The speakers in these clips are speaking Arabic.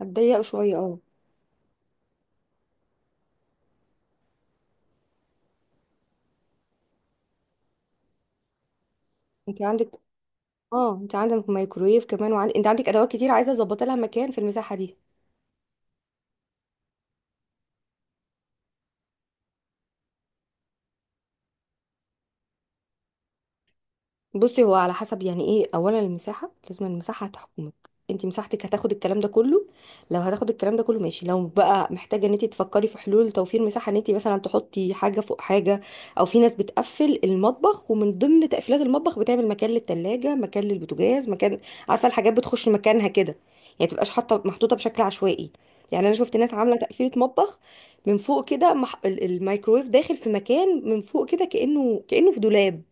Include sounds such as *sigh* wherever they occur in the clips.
هتضيق شويه اه. انت عندك اه انت عندك مايكرويف كمان انت عندك ادوات كتير عايزه اظبط لها مكان في المساحه دي. بصي، هو على حسب يعني، ايه، اولا المساحه، لازم المساحه هتحكمك. انت مساحتك هتاخد الكلام ده كله. لو هتاخد الكلام ده كله ماشي، لو بقى محتاجه ان انت تفكري في حلول توفير مساحه، ان انت مثلا تحطي حاجه فوق حاجه. او في ناس بتقفل المطبخ، ومن ضمن تقفيلات المطبخ بتعمل مكان للتلاجة، مكان للبوتاجاز، مكان. عارفه الحاجات بتخش مكانها كده. يعني تبقاش حاطه محطوطه بشكل عشوائي. يعني انا شفت ناس عامله تقفيله مطبخ من فوق كده الميكرويف داخل في مكان من فوق كده، كانه في دولاب.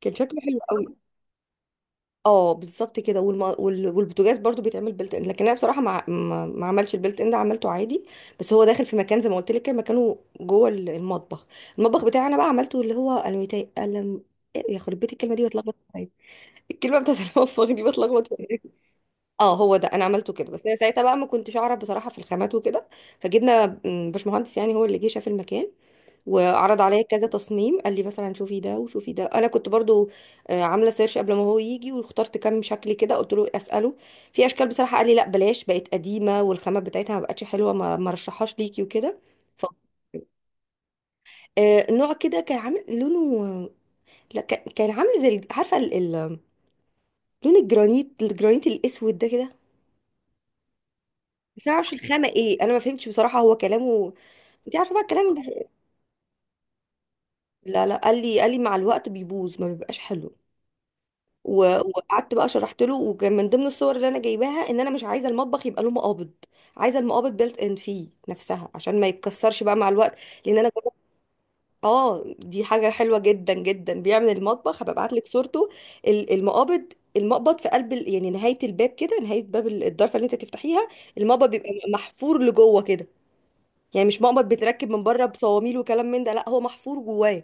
كان شكله حلو. اه بالظبط كده، والبوتاجاز برضو بيتعمل بيلت ان، لكن انا بصراحه ما عملش البيلت ان ده، عملته عادي. بس هو داخل في مكان زي ما قلت لك كده، مكانه جوه المطبخ. المطبخ بتاعي انا بقى عملته اللي هو الميتاي قلم. إيه، يا خرب بيت، الكلمه دي بتلخبط، طيب. الكلمه بتاعت المطبخ دي بتلخبط في. اه، هو ده، انا عملته كده، بس انا ساعتها بقى ما كنتش اعرف بصراحه في الخامات وكده. فجبنا باشمهندس، يعني هو اللي جه شاف المكان، وعرض عليا كذا تصميم، قال لي مثلا شوفي ده وشوفي ده. انا كنت برضو عامله سيرش قبل ما هو يجي، واخترت كام شكل كده، قلت له اساله في اشكال بصراحه. قال لي لا بلاش، بقت قديمه والخامات بتاعتها ما بقتش حلوه، ما ما رشحهاش ليكي وكده. ف- نوع كده كان عامل لونه، لا كان عامل زي عارفه لون الجرانيت، الجرانيت الاسود ده كده. بس انا معرفش الخامه ايه، انا ما فهمتش بصراحه هو كلامه. انت عارفه بقى الكلام ده. لا لا، قال لي مع الوقت بيبوظ، ما بيبقاش حلو. و- وقعدت بقى شرحت له. وكان من ضمن الصور اللي انا جايباها ان انا مش عايزه المطبخ يبقى له مقابض، عايزه المقابض بيلت ان فيه نفسها عشان ما يتكسرش بقى مع الوقت، لان انا جربت. اه دي حاجه حلوه جدا جدا، بيعمل المطبخ، هبقى ابعت لك صورته. المقابض، المقبض في قلب يعني نهايه الباب كده، نهايه باب الضرفه اللي انت تفتحيها، المقبض بيبقى محفور لجوه كده. يعني مش مقبض بتركب من بره بصواميل وكلام من ده، لا هو محفور جواه.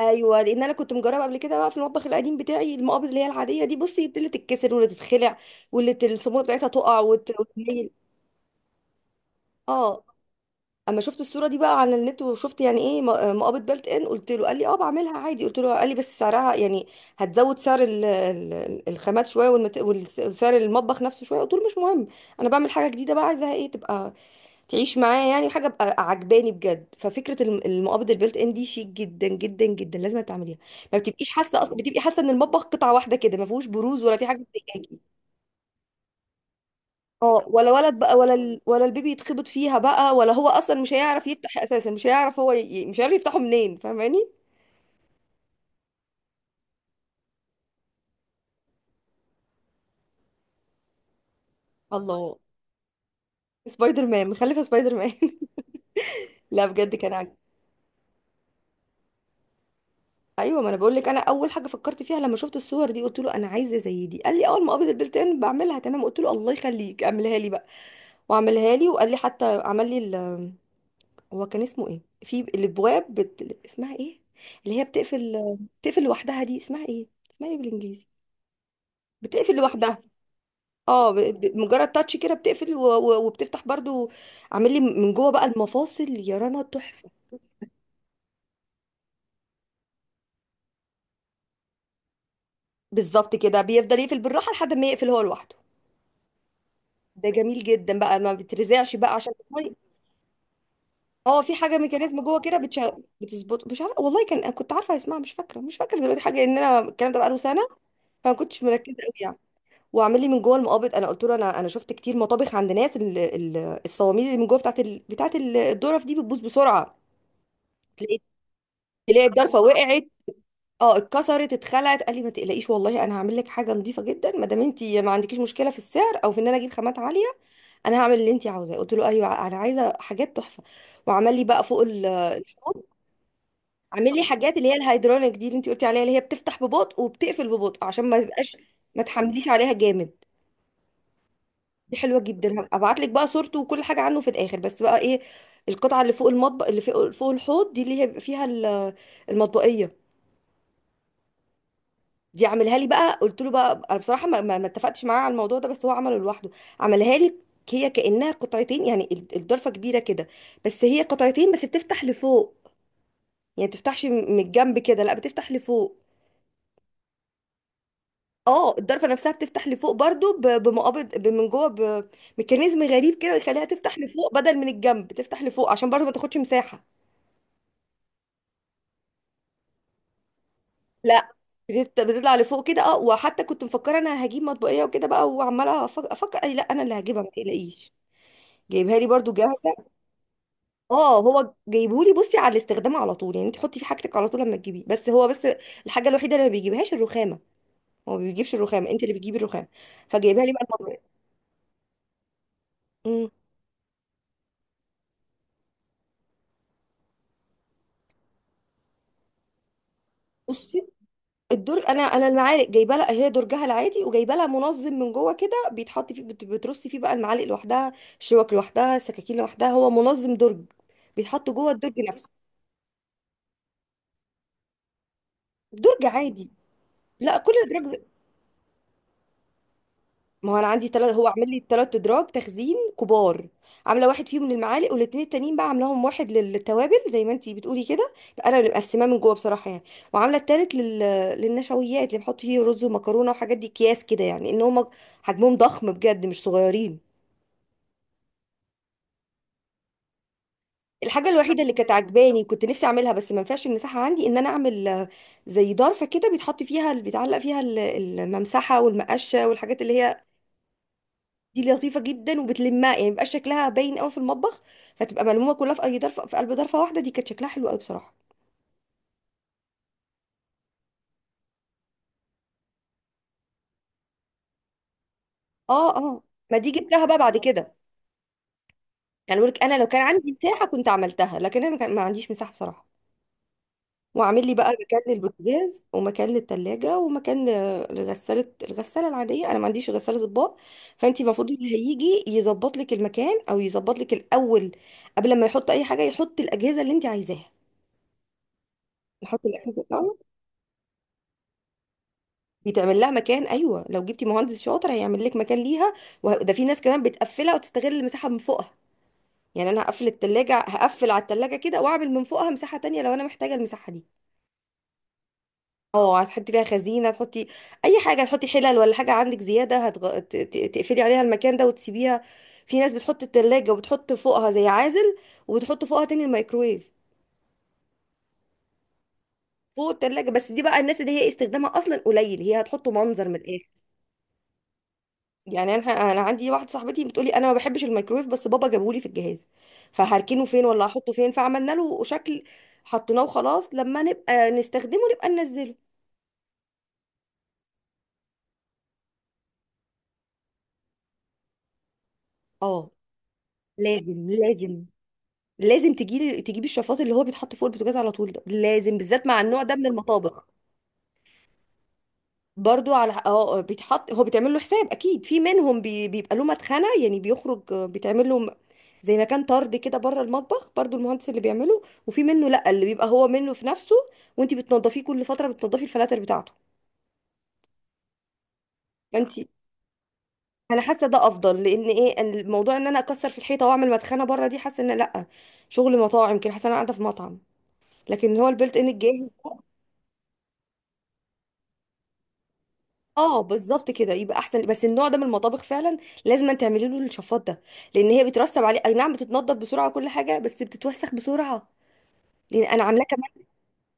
ايوه، لان انا كنت مجربه قبل كده بقى في المطبخ القديم بتاعي المقابض اللي هي العاديه دي، بصي اللي تتكسر واللي تتخلع، الصاموله بتاعتها تقع وتميل. اه، اما شفت الصوره دي بقى على النت، وشفت يعني ايه مقابض بلت ان، قلت له، قال لي اه بعملها عادي، قلت له، قال لي بس سعرها يعني هتزود سعر الخامات شويه، وسعر المطبخ نفسه شويه، قلت له مش مهم. انا بعمل حاجه جديده بقى، عايزاها ايه تبقى، تعيش معاه يعني حاجه ابقى عجباني بجد. ففكره المقابض البيلت ان دي شيك جدا جدا جدا، لازم تعمليها. ما بتبقيش حاسه بتبقي حاسه ان المطبخ قطعه واحده كده، ما فيهوش بروز ولا في حاجه بتضايقاكي. اه ولا ولد بقى، ولا ولا البيبي يتخبط فيها بقى، ولا هو اصلا مش هيعرف يفتح اساسا، مش هيعرف هو مش عارف يفتحه منين، فاهماني. الله، سبايدر مان، مخلفه سبايدر مان *laughs* لا بجد كان عجب. ايوه، ما انا بقول لك، انا اول حاجه فكرت فيها لما شفت الصور دي قلت له انا عايزه زي دي، قال لي اول ما قابض البلتان بعملها تمام، قلت له الله يخليك اعملها لي بقى. وعملها لي، وقال لي حتى عمل لي هو كان اسمه ايه في الابواب، اسمها ايه، اللي هي بتقفل لوحدها دي، اسمها ايه، اسمها ايه بالانجليزي. بتقفل لوحدها. اه، مجرد تاتش كده بتقفل وبتفتح برضو. عامل لي من جوه بقى المفاصل، يا رنا تحفه. بالظبط كده، بيفضل يقفل بالراحه لحد ما يقفل هو لوحده. ده جميل جدا بقى، ما بترزعش بقى عشان المية. اه في حاجه ميكانيزم جوه كده بتظبط، مش عارفه والله، كان كنت عارفه اسمها، مش فاكره دلوقتي حاجه، ان انا الكلام ده بقاله سنه. فما كنتش مركزه قوي يعني. واعمل لي من جوه المقابض، انا قلت له انا شفت كتير مطابخ عند ناس، الصواميل اللي من جوه بتاعت بتاعت الظرف دي بتبوظ بسرعه. تلاقي، الضرفه وقعت. اه اتكسرت اتخلعت. قال لي ما تقلقيش والله، انا هعمل لك حاجه نظيفه جدا، ما دام انت ما عندكيش مشكله في السعر او في ان انا اجيب خامات عاليه. انا هعمل اللي انت عاوزاه، قلت له ايوه انا عايزه حاجات تحفه. وعمل لي بقى فوق الحوض. عامل لي حاجات اللي هي الهيدرونيك دي، اللي انت قلتي عليها، اللي هي بتفتح ببطء وبتقفل ببطء عشان ما يبقاش، ما تحمليش عليها جامد. دي حلوه جدا، هبعت لك بقى صورته وكل حاجه عنه في الاخر، بس بقى ايه. القطعه اللي فوق المطبخ، اللي فوق الحوض دي، اللي هي بيبقى فيها المطبقيه، دي عاملها لي بقى. قلت له بقى، انا بصراحه ما اتفقتش معاه على الموضوع ده، بس هو عمله لوحده. عملها لي، هي كانها قطعتين يعني، الضرفه كبيره كده، بس هي قطعتين بس بتفتح لفوق، يعني ما بتفتحش من الجنب كده، لا بتفتح لفوق. اه الضرفه نفسها بتفتح لفوق برضو بمقابض من جوه، بميكانيزم غريب كده يخليها تفتح لفوق بدل من الجنب، تفتح لفوق عشان برضو ما تاخدش مساحه. لا بتطلع لفوق كده، اه. وحتى كنت مفكره انا هجيب مطبقيه وكده بقى، وعماله افكر، أي لا انا اللي هجيبها ما تقلقيش. جايبها لي برضو جاهزه. اه هو جايبهولي، بصي على الاستخدام على طول يعني، انت حطي في حاجتك على طول لما تجيبيه، بس هو بس الحاجه الوحيده اللي ما بيجيبهاش الرخامه. هو ما بيجيبش الرخامه، انت اللي بتجيبي الرخامه. فجايبها لي بقى المطبقيه. امم. الدرج، انا المعالق جايبه لها هي درجها العادي، وجايبه لها منظم من جوه كده بيتحط فيه، بترصي فيه بقى المعالق لوحدها، الشوك لوحدها، السكاكين لوحدها، هو منظم درج بيتحط جوه الدرج نفسه. درج عادي. لا كل الدرج. ما هو انا عندي تلات، هو عامل لي تلات ادراج تخزين كبار. عامله واحد فيهم للمعالق، والاتنين التانيين بقى عاملاهم واحد للتوابل زي ما انتي بتقولي كده، انا اللي مقسماه من جوه بصراحه يعني. وعامله التالت للنشويات اللي بحط فيه رز ومكرونه وحاجات دي، اكياس كده، يعني ان هم حجمهم ضخم بجد مش صغيرين. الحاجة الوحيدة اللي كانت عجباني كنت نفسي اعملها بس ما ينفعش المساحة عندي، ان انا اعمل زي ضرفة كده بيتحط فيها، بيتعلق فيها الممسحة والمقشة والحاجات اللي هي. دي لطيفة جدا، وبتلمها يعني مبقاش شكلها باين قوي في المطبخ، فتبقى ملمومة كلها في اي ضرفة، في قلب ضرفة واحدة، دي كانت شكلها حلو قوي بصراحة. اه اه، ما دي جبتها بقى بعد كده. يعني بقولك انا لو كان عندي مساحة كنت عملتها، لكن انا ما عنديش مساحة بصراحة. واعمل لي بقى مكان للبوتاجاز ومكان للتلاجة ومكان لغسالة، الغسالة العادية، انا ما عنديش غسالة اطباق. فانت المفروض اللي هيجي يظبط لك المكان، او يظبط لك الاول قبل ما يحط اي حاجة يحط الاجهزة اللي انت عايزاها. يحط الاجهزة الاول. بيتعمل لها مكان، ايوه لو جبتي مهندس شاطر هيعمل لك مكان ليها. وده في ناس كمان بتقفلها وتستغل المساحة من فوقها، يعني انا هقفل التلاجة، هقفل على التلاجة كده، واعمل من فوقها مساحة تانية لو انا محتاجة المساحة دي. اه هتحطي فيها خزينه، تحطي اي حاجه، هتحطي حلل، ولا حاجه عندك زياده، تقفلي عليها المكان ده وتسيبيها. في ناس بتحط التلاجة وبتحط فوقها زي عازل، وبتحط فوقها تاني الميكرويف. فوق التلاجة، بس دي بقى الناس اللي هي استخدامها اصلا قليل، هي هتحطه منظر من الاخر. يعني انا عندي واحده صاحبتي بتقولي انا ما بحبش الميكرويف، بس بابا جابهولي في الجهاز، فهركنه فين، ولا هحطه فين، فعملنا له شكل. حطيناه وخلاص، لما نبقى نستخدمه نبقى ننزله. اه لازم لازم لازم تجيلي تجيبي الشفاط اللي هو بيتحط فوق البوتاجاز على طول، ده لازم بالذات مع النوع ده من المطابخ. برضو على اه، بيتحط، هو بيتعمل له حساب اكيد، في منهم بيبقى له مدخنه يعني بيخرج، بيتعمل له زي مكان طرد كده بره المطبخ برضو، المهندس اللي بيعمله. وفي منه لا، اللي بيبقى هو منه في نفسه، وانت بتنضفيه كل فتره، بتنضفي الفلاتر بتاعته. فانت، انا حاسه ده افضل، لان ايه، أن الموضوع ان انا اكسر في الحيطه واعمل مدخنه بره، دي حاسه ان لا، شغل مطاعم كده، حاسه انا قاعده في مطعم. لكن هو البلت ان الجاهز. اه بالظبط كده يبقى احسن، بس النوع ده من المطابخ فعلا لازم أن تعملي له الشفاط ده، لان هي بترسب عليه، اي نعم بتتنضف بسرعه كل حاجه بس بتتوسخ بسرعه، لان انا عاملاه كمان.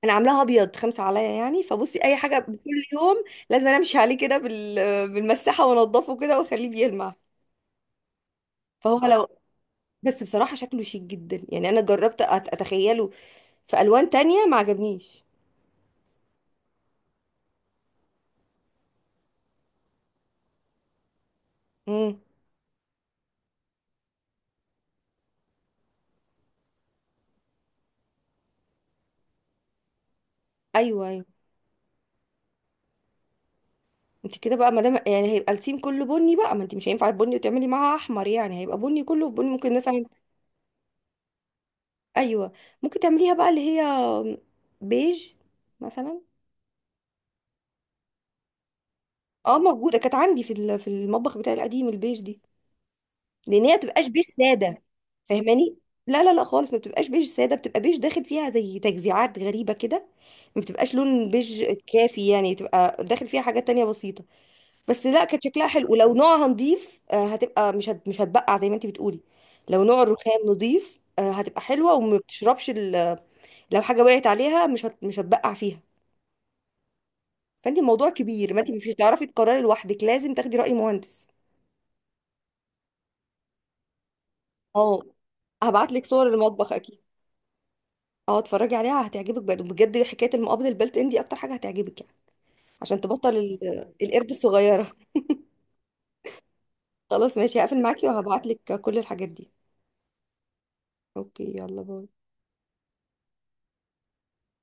انا عاملاها ابيض خمسه عليا يعني، فبصي اي حاجه كل يوم لازم أنا امشي عليه كده بالمساحه وانضفه كده واخليه بيلمع. فهو لو، بس بصراحه شكله شيك جدا، يعني انا جربت اتخيله في الوان تانية ما عجبنيش. امم ايوه، أيوه. انت كده بقى ما دام يعني هيبقى التيم كله بني بقى، ما انت مش هينفع البني وتعملي معاها احمر، يعني هيبقى بني كله في بني ممكن مثلا. ايوه، ممكن تعمليها بقى اللي هي بيج مثلا. اه موجوده، كانت عندي في في المطبخ بتاعي القديم البيج دي، لان هي ما بتبقاش بيج ساده، فاهماني. لا لا لا خالص، ما بتبقاش بيج ساده، بتبقى بيج داخل فيها زي تجزيعات غريبه كده، ما بتبقاش لون بيج كافي يعني، بتبقى داخل فيها حاجات تانية بسيطه. بس لا كانت شكلها حلو ولو نوعها نضيف، هتبقى مش هتبقع زي ما انت بتقولي. لو نوع الرخام نضيف هتبقى حلوه، وما بتشربش لو حاجه وقعت عليها مش هتبقع فيها. فانت الموضوع كبير، ما انت مش هتعرفي تقرري لوحدك، لازم تاخدي راي مهندس. اه هبعت لك صور المطبخ اكيد. اه اتفرجي عليها هتعجبك بجد بجد، حكايه المقابل البلت ان دي اكتر حاجه هتعجبك يعني، عشان تبطل القرد الصغيره *laughs* خلاص ماشي هقفل معاكي وهبعت لك كل الحاجات دي. اوكي يلا باي.